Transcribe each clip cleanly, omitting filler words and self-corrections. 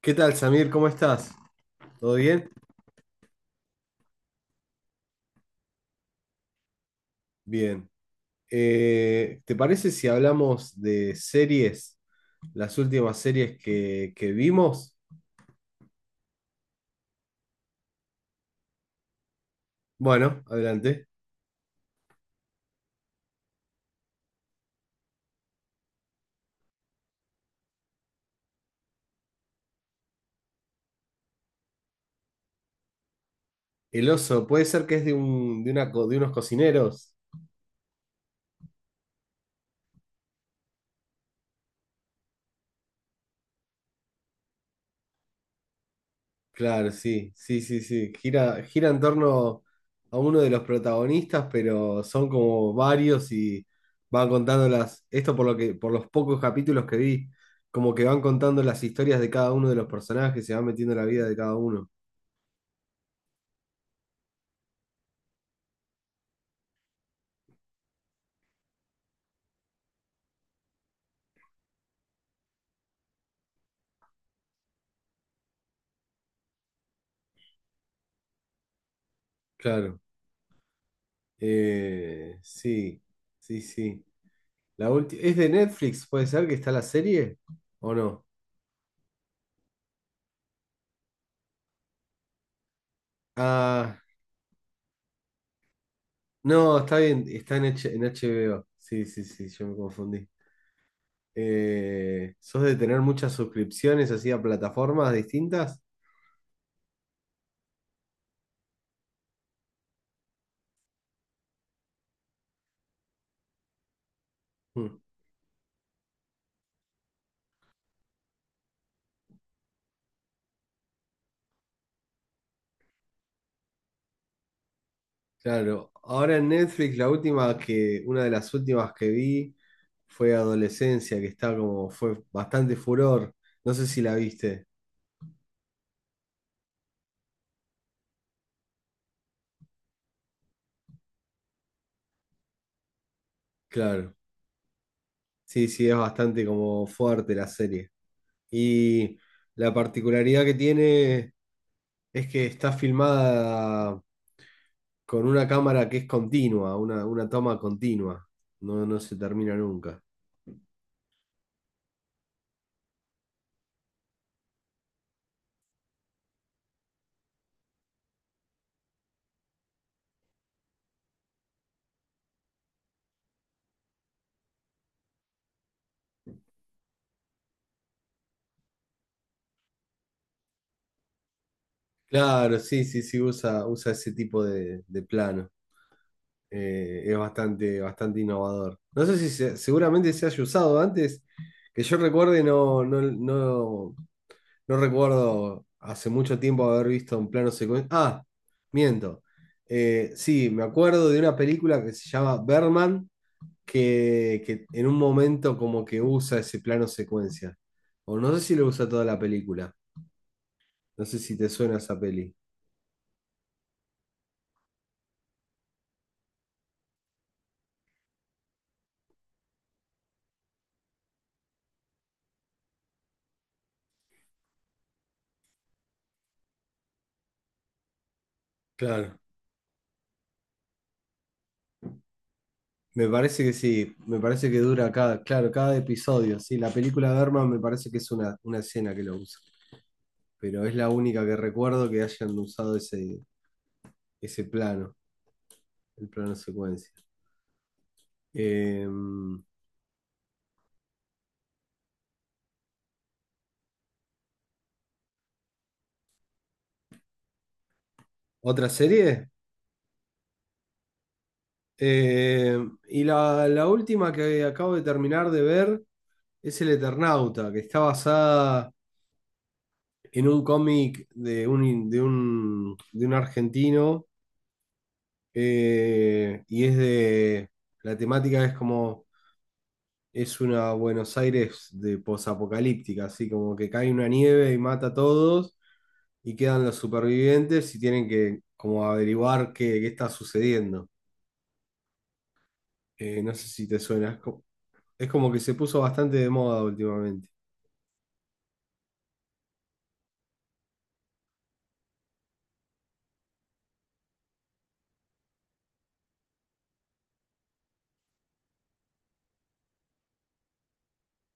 ¿Qué tal, Samir? ¿Cómo estás? ¿Todo bien? Bien. ¿Te parece si hablamos de series, las últimas series que vimos? Bueno, adelante. El oso, puede ser que es de, un, de, una, co- de unos cocineros. Claro, sí, sí, sí, sí. Gira en torno a uno de los protagonistas, pero son como varios y van contando las, esto por lo que, por los pocos capítulos que vi, como que van contando las historias de cada uno de los personajes, se van metiendo en la vida de cada uno. Claro, sí, sí, sí. ¿Es de Netflix? ¿Puede ser que está la serie? ¿O no? Ah, no, está bien, en HBO. Sí, sí, sí, yo me confundí. ¿Sos de tener muchas suscripciones así a plataformas distintas? Mm, claro, ahora en Netflix una de las últimas que vi fue Adolescencia, que está como, fue bastante furor. No sé si la viste. Claro. Sí, sí, es bastante como fuerte la serie. Y la particularidad que tiene es que está filmada con una cámara que es continua, una toma continua. No, no se termina nunca. Claro, sí, sí, sí, usa ese tipo de plano. Es bastante innovador. No sé si se- Seguramente se haya usado antes, que yo recuerde, no, no, no. No recuerdo hace mucho tiempo haber visto un plano secuencia. Ah, miento. Sí, me acuerdo de una película que se llama Berman, que en un momento como que usa ese plano secuencia. O no sé si lo usa toda la película. No sé si te suena esa peli. Claro. Me parece que sí, me parece que dura cada, claro, cada episodio. Sí, la película de Berman me parece que es una escena que lo usa. Pero es la única que recuerdo que hayan usado ese plano, el plano secuencia. Eh, ¿Otra serie? Eh, y la última que acabo de terminar de ver es El Eternauta, que está basada en un cómic de un argentino, y es de... La temática es como... Es una Buenos Aires de posapocalíptica, así como que cae una nieve y mata a todos y quedan los supervivientes y tienen que como averiguar qué está sucediendo. No sé si te suena. Es como que se puso bastante de moda últimamente.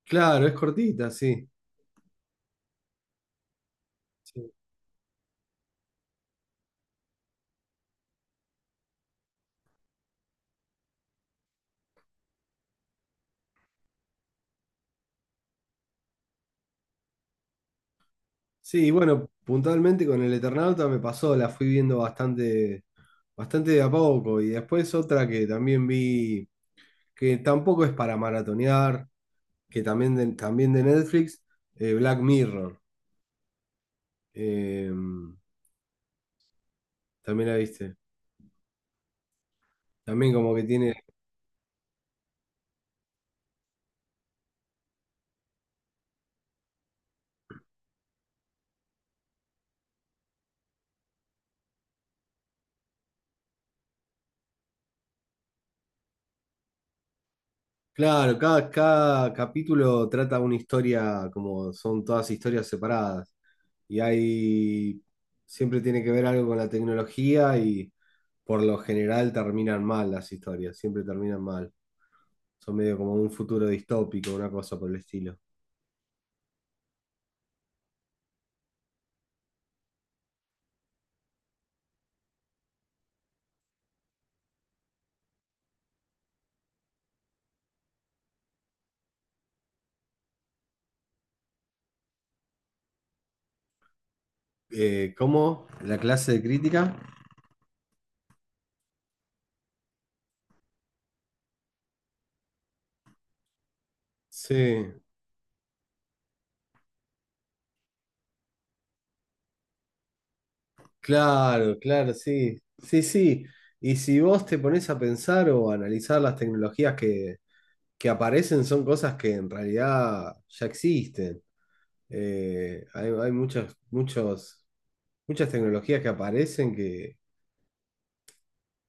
Claro, es cortita, sí. Sí, sí, y bueno, puntualmente con el Eternauta me pasó, la fui viendo bastante de a poco. Y después otra que también vi, que tampoco es para maratonear, que también también de Netflix, Black Mirror. Eh, También la viste. También como que tiene... Claro, cada capítulo trata una historia, como son todas historias separadas. Y hay, siempre tiene que ver algo con la tecnología y por lo general terminan mal las historias, siempre terminan mal. Son medio como un futuro distópico, una cosa por el estilo. ¿Cómo? ¿La clase de crítica? Sí, claro, claro, sí. Sí, sí. Y si vos te pones a pensar o a analizar las tecnologías que aparecen son cosas que en realidad ya existen. Hay muchas, muchos, muchas tecnologías que aparecen que,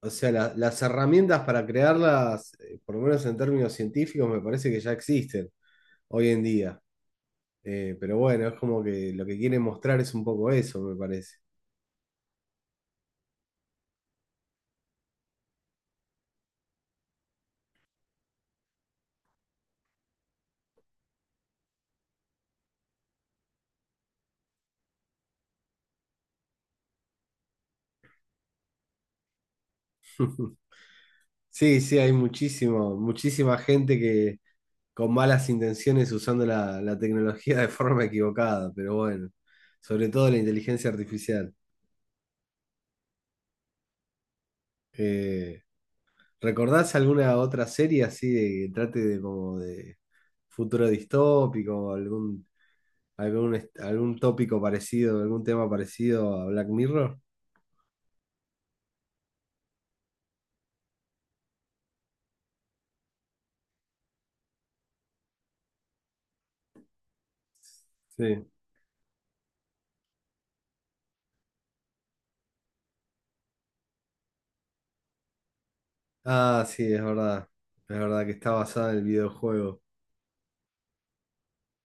o sea, las herramientas para crearlas, por lo menos en términos científicos, me parece que ya existen hoy en día. Pero bueno, es como que lo que quieren mostrar es un poco eso, me parece. Sí, sí, hay muchísimo, muchísima gente que con malas intenciones usando la tecnología de forma equivocada, pero bueno, sobre todo la inteligencia artificial. Eh, ¿Recordás alguna otra serie así de que trate de como de futuro distópico, o algún tópico parecido, algún tema parecido a Black Mirror? Sí. Ah, sí, es verdad. Es verdad que está basada en el videojuego.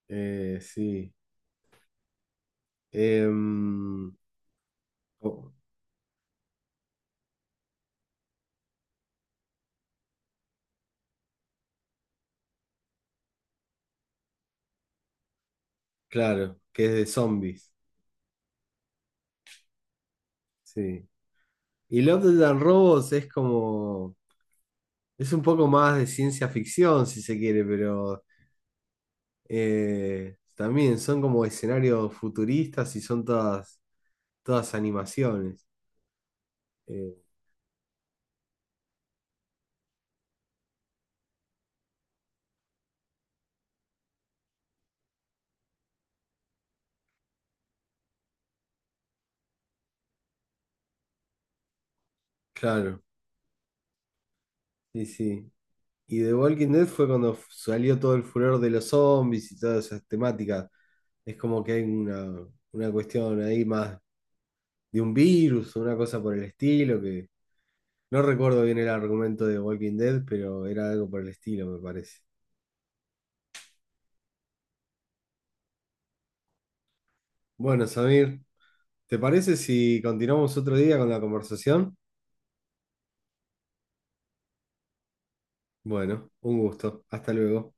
Sí. Em, oh, claro, que es de zombies, sí. Y Love, Death and Robots es como, es un poco más de ciencia ficción, si se quiere, pero también son como escenarios futuristas y son todas, todas animaciones. Eh, claro, sí, sí. Y The Walking Dead fue cuando salió todo el furor de los zombies y todas esas temáticas. Es como que hay una cuestión ahí más de un virus, una cosa por el estilo. No recuerdo bien el argumento de Walking Dead, pero era algo por el estilo, me parece. Bueno, Samir, ¿te parece si continuamos otro día con la conversación? Bueno, un gusto. Hasta luego.